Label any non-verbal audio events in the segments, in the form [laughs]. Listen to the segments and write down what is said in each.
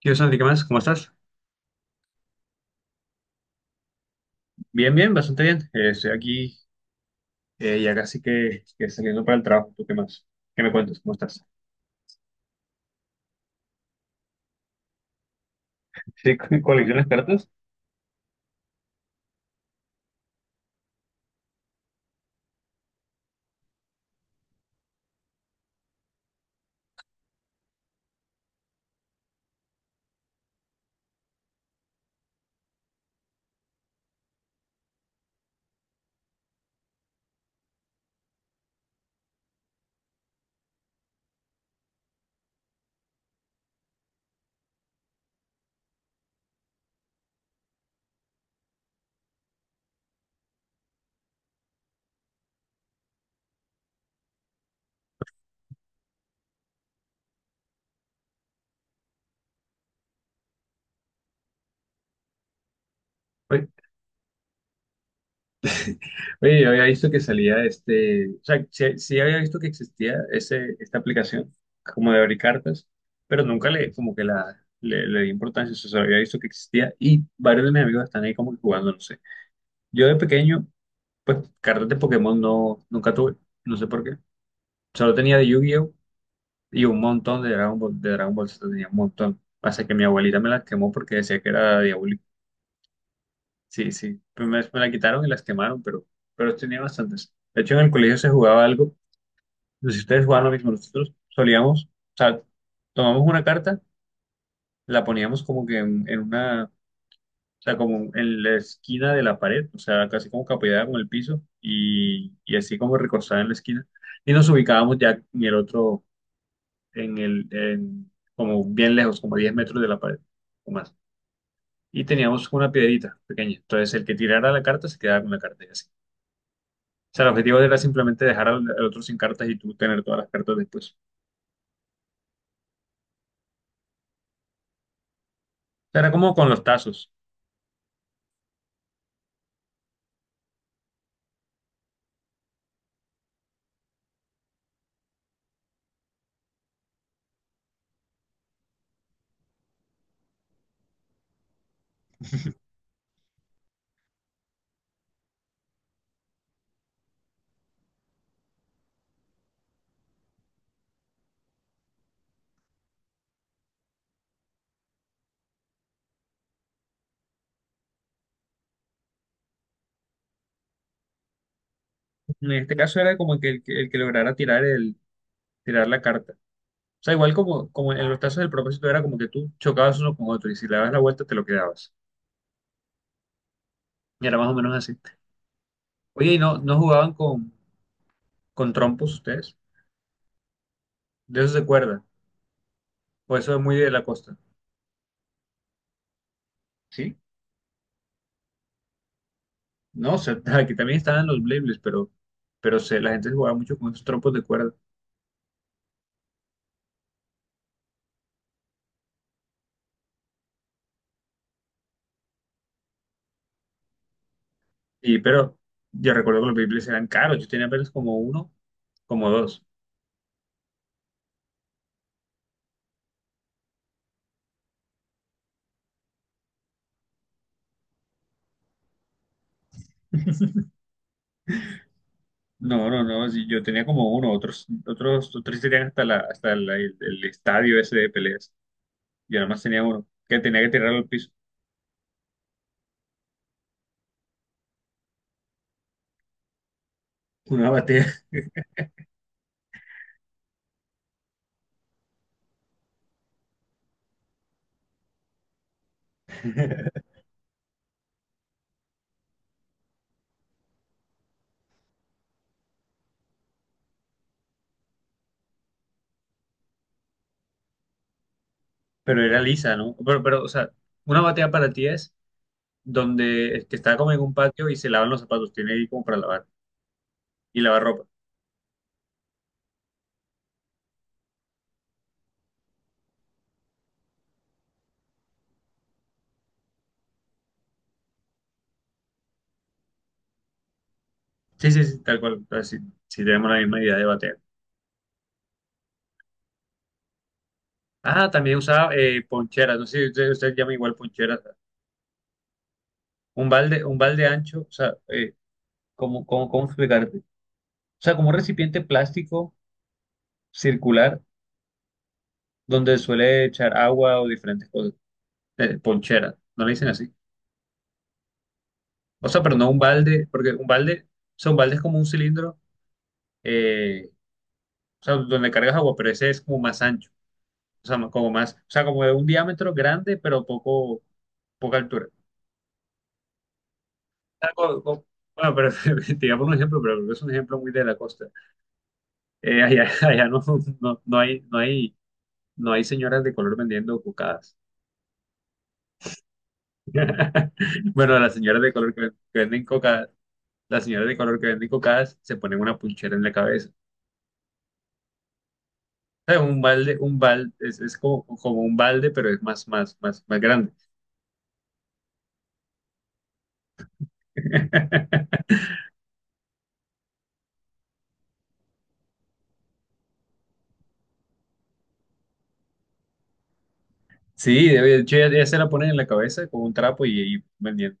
¿Qué onda, Santi? ¿Qué más? ¿Cómo estás? Bien, bien, bastante bien. Estoy aquí ya casi que saliendo para el trabajo. ¿Tú qué más? ¿Qué me cuentas? ¿Cómo estás? Sí, coleccionas cartas. Oye, oye, yo había visto que salía este, o sea, sí había visto que existía esta aplicación como de abrir cartas, pero nunca le, como que la, le di importancia, o sea, había visto que existía y varios de mis amigos están ahí como que jugando, no sé. Yo de pequeño, pues cartas de Pokémon no, nunca tuve, no sé por qué. Solo tenía de Yu-Gi-Oh! Y un montón de Dragon Ball Z tenía un montón. Pasa que mi abuelita me las quemó porque decía que era diabólico. Sí, sí. Primero me la quitaron y las quemaron, pero tenía bastantes. De hecho, en el colegio se jugaba algo. No sé si ustedes jugaban lo mismo. Nosotros solíamos, o sea, tomamos una carta, la poníamos como que en una, o sea, como en la esquina de la pared, o sea, casi como que apoyada con el piso y así como recostada en la esquina. Y nos ubicábamos ya en el otro. en el, en- Como bien lejos, como a 10 metros de la pared o más. Y teníamos una piedrita pequeña. Entonces, el que tirara la carta se quedaba con la carta y así. O sea, el objetivo era simplemente dejar al otro sin cartas y tú tener todas las cartas después. O sea, era como con los tazos. En este caso era como que el que lograra tirar la carta. O sea, igual como, como en los tazos el propósito era como que tú chocabas uno con otro y si le dabas la vuelta te lo quedabas. Y era más o menos así. Oye, ¿y no jugaban con trompos ustedes? De eso se acuerdan. O eso es muy de la costa. ¿Sí? No, sé, [laughs] aquí también estaban los Beyblades, pero se, la gente jugaba mucho con estos trompos de cuerda. Y, pero yo recuerdo que los Beyblades eran caros, yo tenía apenas como uno, como dos. No, no, no, sí, yo tenía como uno, otros tenían hasta, el estadio ese de peleas. Yo nada más tenía uno, que tenía que tirarlo al piso, una batea. [laughs] Pero era lisa, ¿no? Pero, o sea, una batea para ti es donde, que está como en un patio y se lavan los zapatos, tiene ahí como para lavar, y lavar ropa. Sí, sí, sí, tal cual. Entonces, sí, sí tenemos la misma idea de batear. Ah, también usaba poncheras. No sé si usted llama igual poncheras. Un balde ancho, o sea, cómo explicarte? O sea, como un recipiente plástico circular donde suele echar agua o diferentes cosas. Ponchera, no le dicen así. O sea, pero no un balde, porque un balde, o sea, un balde es como un cilindro, eh, o sea, donde cargas agua, pero ese es como más ancho. O sea, como más, o sea, como de un diámetro grande, pero poco, poca altura. Ah, bueno, pero [laughs] te iba a poner un ejemplo, pero es un ejemplo muy de la costa. Allá [laughs] allá no, no, no hay, no hay, no hay señoras de color vendiendo cocadas. [laughs] Bueno, las señoras de color que venden cocadas, las señoras de color que venden cocadas se ponen una punchera en la cabeza. O sea, un balde, es como, como un balde, pero es más grande. [laughs] Sí, de hecho ya, ya se la ponen en la cabeza con un trapo y vendiendo.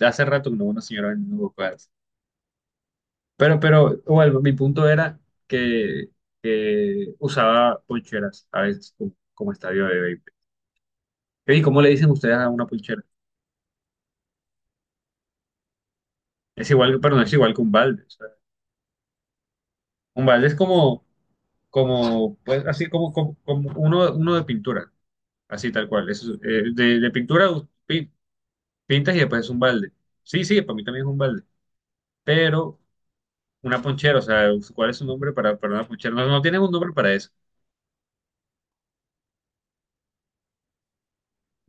Hace rato no, una señora vendiendo cocadas. Pero, bueno, mi punto era que, que usaba poncheras a veces como, como estadio de béisbol. ¿Y cómo le dicen ustedes a una ponchera? Es igual, pero no es igual que un balde. O sea, un balde es como, como, pues, así como, como, como uno, uno de pintura, así tal cual. Eso es, de pintura pi- pintas y después es un balde. Sí, sí, para mí también es un balde. Pero una ponchera, o sea, ¿cuál es su nombre para una ponchera? No, no tienen un nombre para eso.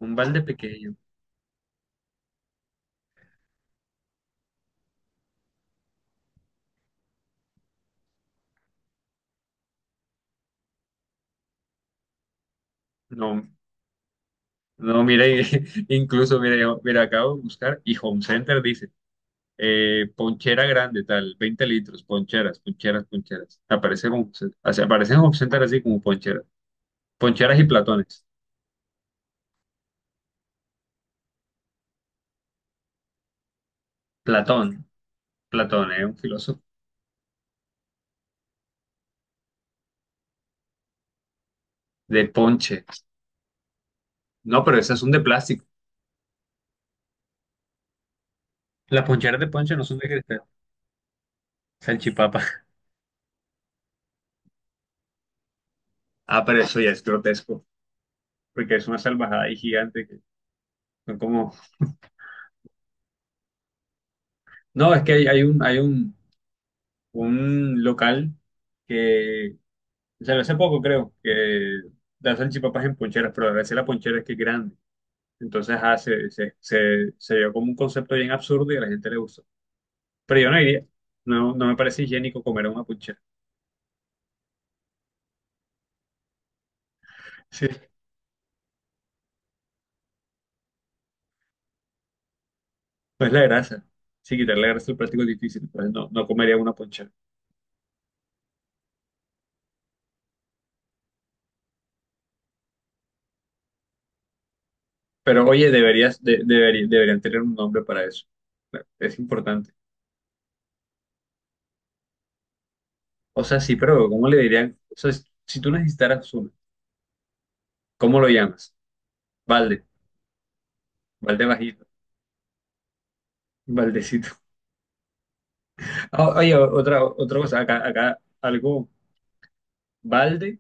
Un balde pequeño. No, No, mira, [laughs] incluso mira, mira, acabo de buscar y Home Center dice, ponchera grande, tal, 20 litros, poncheras, poncheras, poncheras. Aparece Home Center, o sea, aparece en Home Center así como poncheras. Poncheras y platones. Platón, Platón, es un filósofo de ponche. No, pero esas son de plástico. Las poncheras de ponche no son de cristal. Salchipapa. Ah, pero eso ya es grotesco, porque es una salvajada y gigante que son como... No, es que hay, hay un local que sea, hace poco creo que da salchipapas en poncheras, pero a veces la ponchera es que es grande. Entonces ah, se vio como un concepto bien absurdo y a la gente le gustó. Pero yo no iría. No, no me parece higiénico comer una ponchera. Sí, pues la grasa. Sí, quitarle la grasa al plástico es difícil. Entonces no, no comería una ponchera. Pero oye, deberían tener un nombre para eso. Es importante. O sea, sí, pero ¿cómo le dirían? O sea, si tú necesitaras uno, ¿cómo lo llamas? Balde, balde bajito, baldecito. Oye, otra, otra cosa, acá, acá algo balde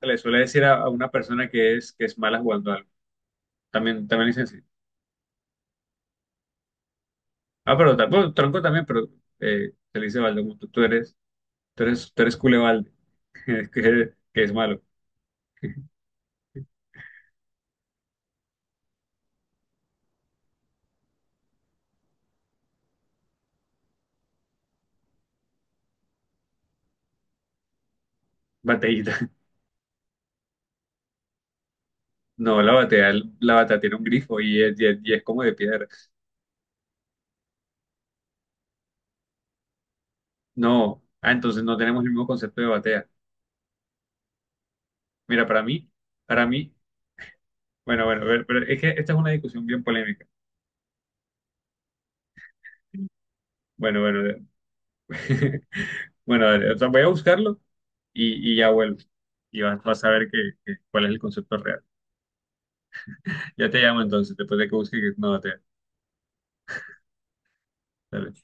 se le suele decir a una persona que es mala jugando algo. También, también le dicen así. Ah, pero bueno, tronco también, pero se le dice balde, como tú, tú eres cule balde, [laughs] que es malo. Bateíta. [laughs] No, la batea, la batea tiene un grifo y es, y es como de piedra. No, ah, entonces no tenemos el mismo concepto de batea. Mira, para mí, bueno, bueno, a ver, pero es que esta es una discusión bien polémica. Bueno, bueno, [laughs] bueno, dale, o sea, voy a buscarlo y ya vuelvo. Y vas, vas a ver que, cuál es el concepto real. Ya te llamo entonces, después de que busque que no te. Dale.